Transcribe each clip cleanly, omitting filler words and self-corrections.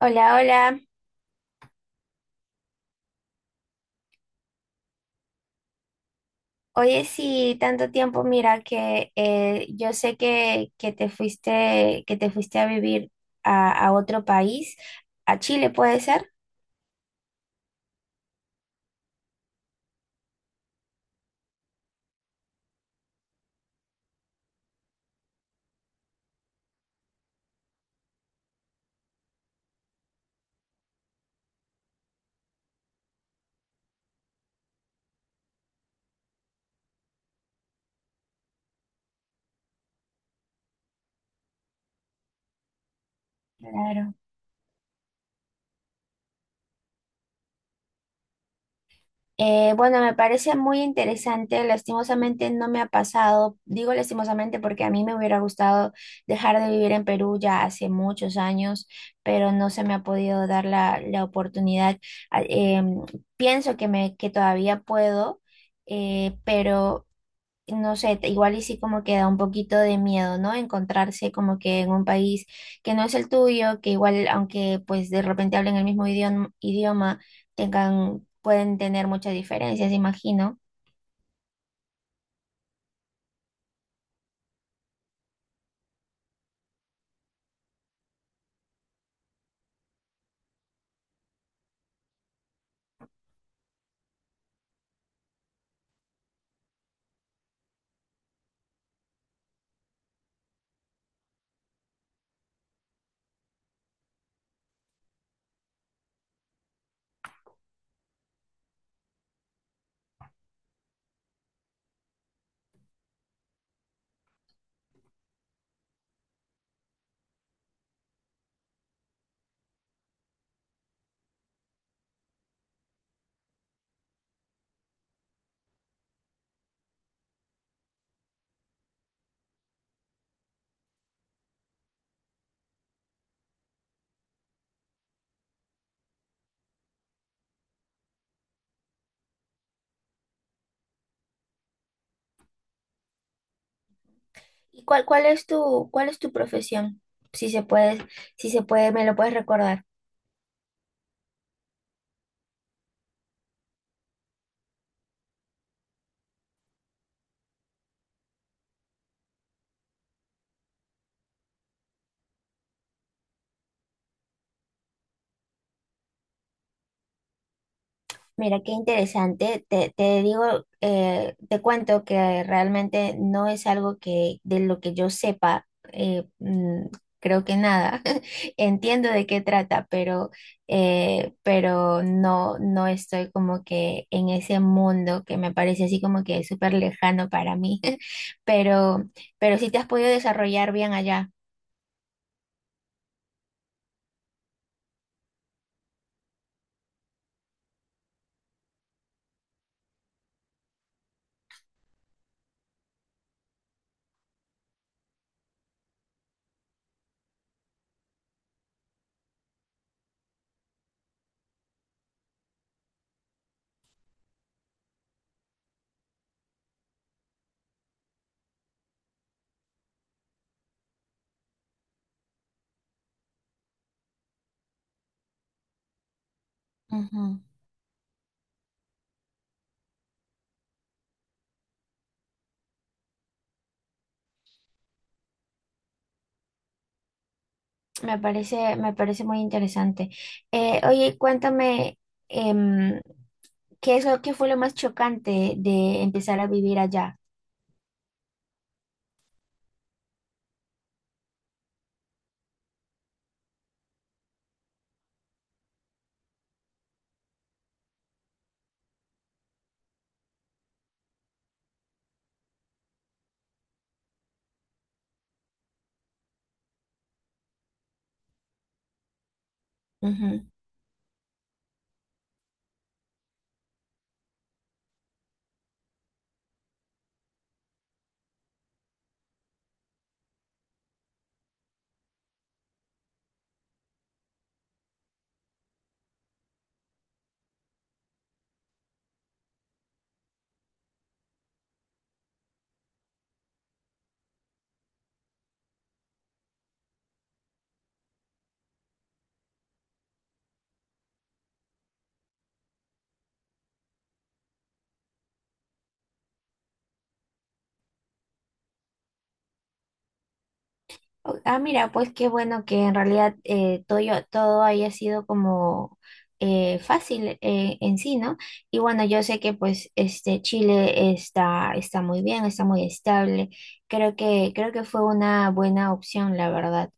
Hola, hola. Oye, sí, tanto tiempo, mira que yo sé que te fuiste, que te fuiste a vivir a otro país, a Chile, ¿puede ser? Claro. Bueno, me parece muy interesante. Lastimosamente no me ha pasado. Digo lastimosamente porque a mí me hubiera gustado dejar de vivir en Perú ya hace muchos años, pero no se me ha podido dar la oportunidad. Ah, em, pienso que todavía puedo pero no sé, igual y sí como que da un poquito de miedo, ¿no? Encontrarse como que en un país que no es el tuyo, que igual aunque pues de repente hablen el mismo idioma tengan, pueden tener muchas diferencias, imagino. ¿Y cuál es tu profesión? Si se puede, si se puede, me lo puedes recordar. Mira, qué interesante. Te digo, te cuento que realmente no es algo que de lo que yo sepa, creo que nada. Entiendo de qué trata, pero no, no estoy como que en ese mundo que me parece así como que súper lejano para mí. Pero, pero sí te has podido desarrollar bien allá. Ujú. Me parece muy interesante. Oye, cuéntame. em, ¿Qué es lo que fue lo más chocante de empezar a vivir allá? Ujú. Ah, mira, pues qué bueno que en realidad todo, todo haya sido como fácil en sí, ¿no? Y bueno, yo sé que pues este Chile está, está muy bien, está muy estable. Creo que fue una buena opción, la verdad.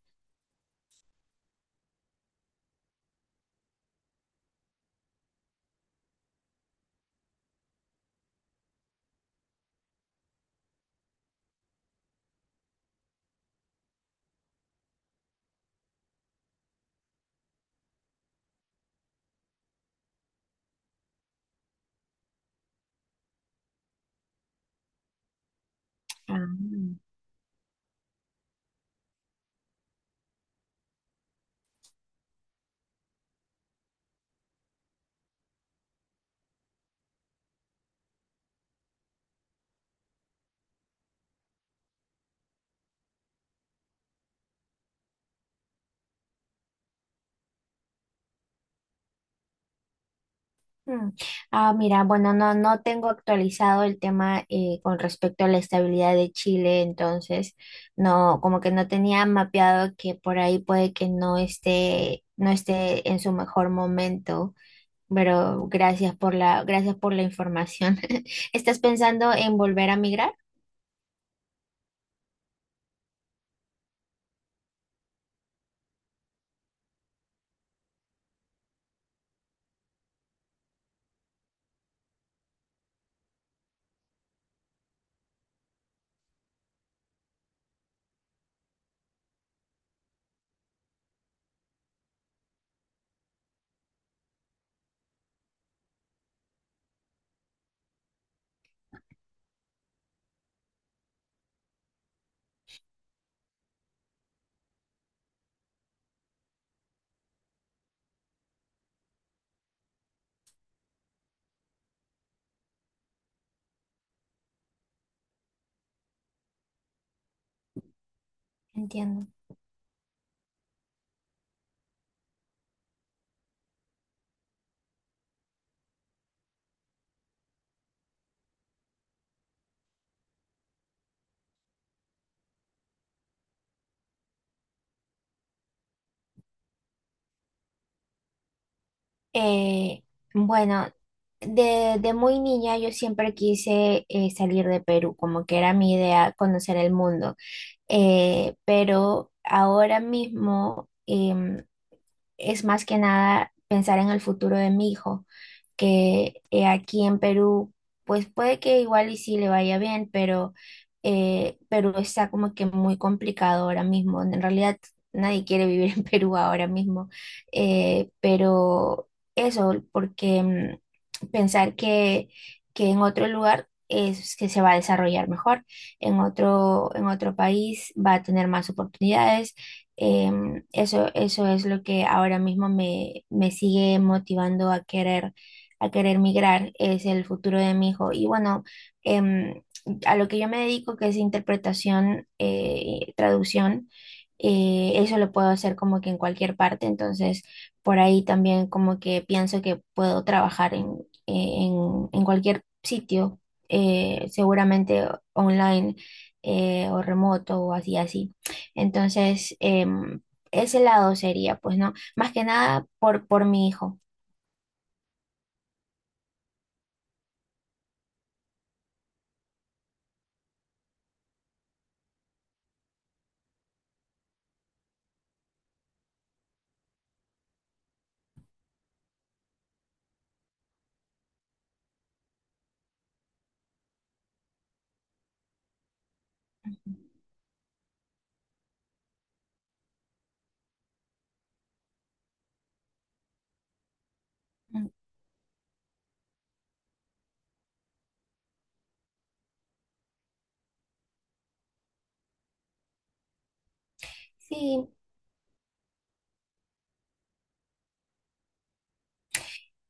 Ah. Mm. Ah, mira, bueno, no, no tengo actualizado el tema con respecto a la estabilidad de Chile, entonces no, como que no tenía mapeado que por ahí puede que no esté, no esté en su mejor momento, pero gracias por la información. ¿Estás pensando en volver a migrar? Entiendo. Eh, bueno, de muy niña yo siempre quise salir de Perú, como que era mi idea conocer el mundo. Pero ahora mismo es más que nada pensar en el futuro de mi hijo que aquí en Perú, pues puede que igual y sí le vaya bien, pero Perú está como que muy complicado ahora mismo. En realidad nadie quiere vivir en Perú ahora mismo, pero eso, porque pensar que en otro lugar es que se va a desarrollar mejor, en otro país va a tener más oportunidades. Eso, eso es lo que ahora mismo me, me sigue motivando a querer migrar, es el futuro de mi hijo. Y bueno, em, a lo que yo me dedico, que es interpretación, traducción, eso lo puedo hacer como que en cualquier parte, entonces por ahí también como que pienso que puedo trabajar en, en cualquier sitio, seguramente online o remoto o así, así. Entonces, em, ese lado sería, pues, ¿no? Más que nada por, por mi hijo. Sí,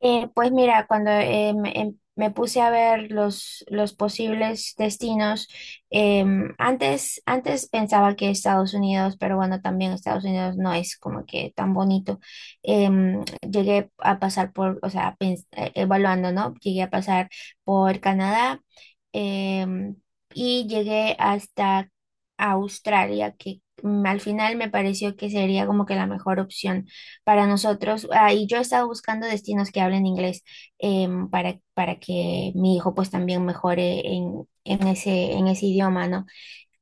Pues mira, cuando me puse a ver los posibles destinos, antes, antes pensaba que Estados Unidos, pero bueno, también Estados Unidos no es como que tan bonito. Llegué a pasar por, o sea, evaluando, ¿no? Llegué a pasar por Canadá, em, y llegué hasta Australia, que al final me pareció que sería como que la mejor opción para nosotros. Ah, y yo estaba buscando destinos que hablen inglés para que mi hijo pues también mejore en ese idioma, ¿no?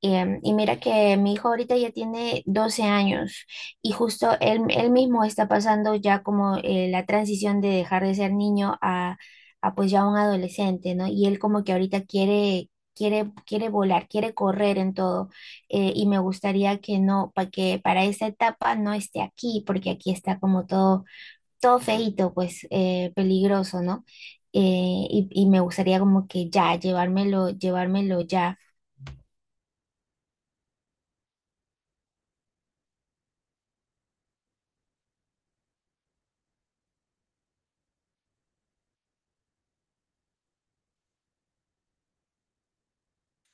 Y mira que mi hijo ahorita ya tiene 12 años y justo él, él mismo está pasando ya como la transición de dejar de ser niño a pues ya un adolescente, ¿no? Y él como que ahorita quiere, quiere, quiere volar, quiere correr en todo. Y me gustaría que no, para que para esa etapa no esté aquí, porque aquí está como todo, todo feíto, pues peligroso, ¿no? Y, y me gustaría como que ya, llevármelo, llevármelo ya.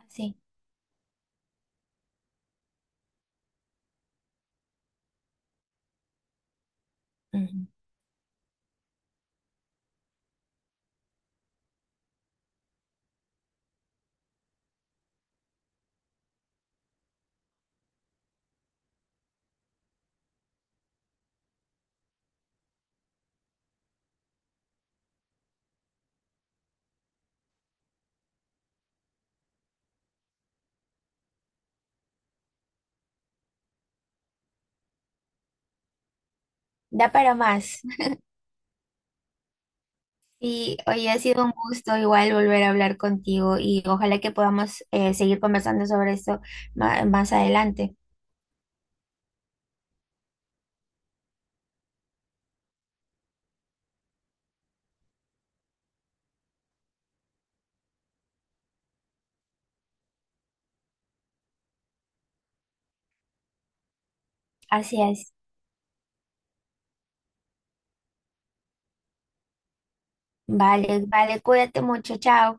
Sí. Da para más. Y hoy ha sido un gusto igual volver a hablar contigo y ojalá que podamos seguir conversando sobre esto más adelante. Así es. Vale, vale, cuídate mucho, chao.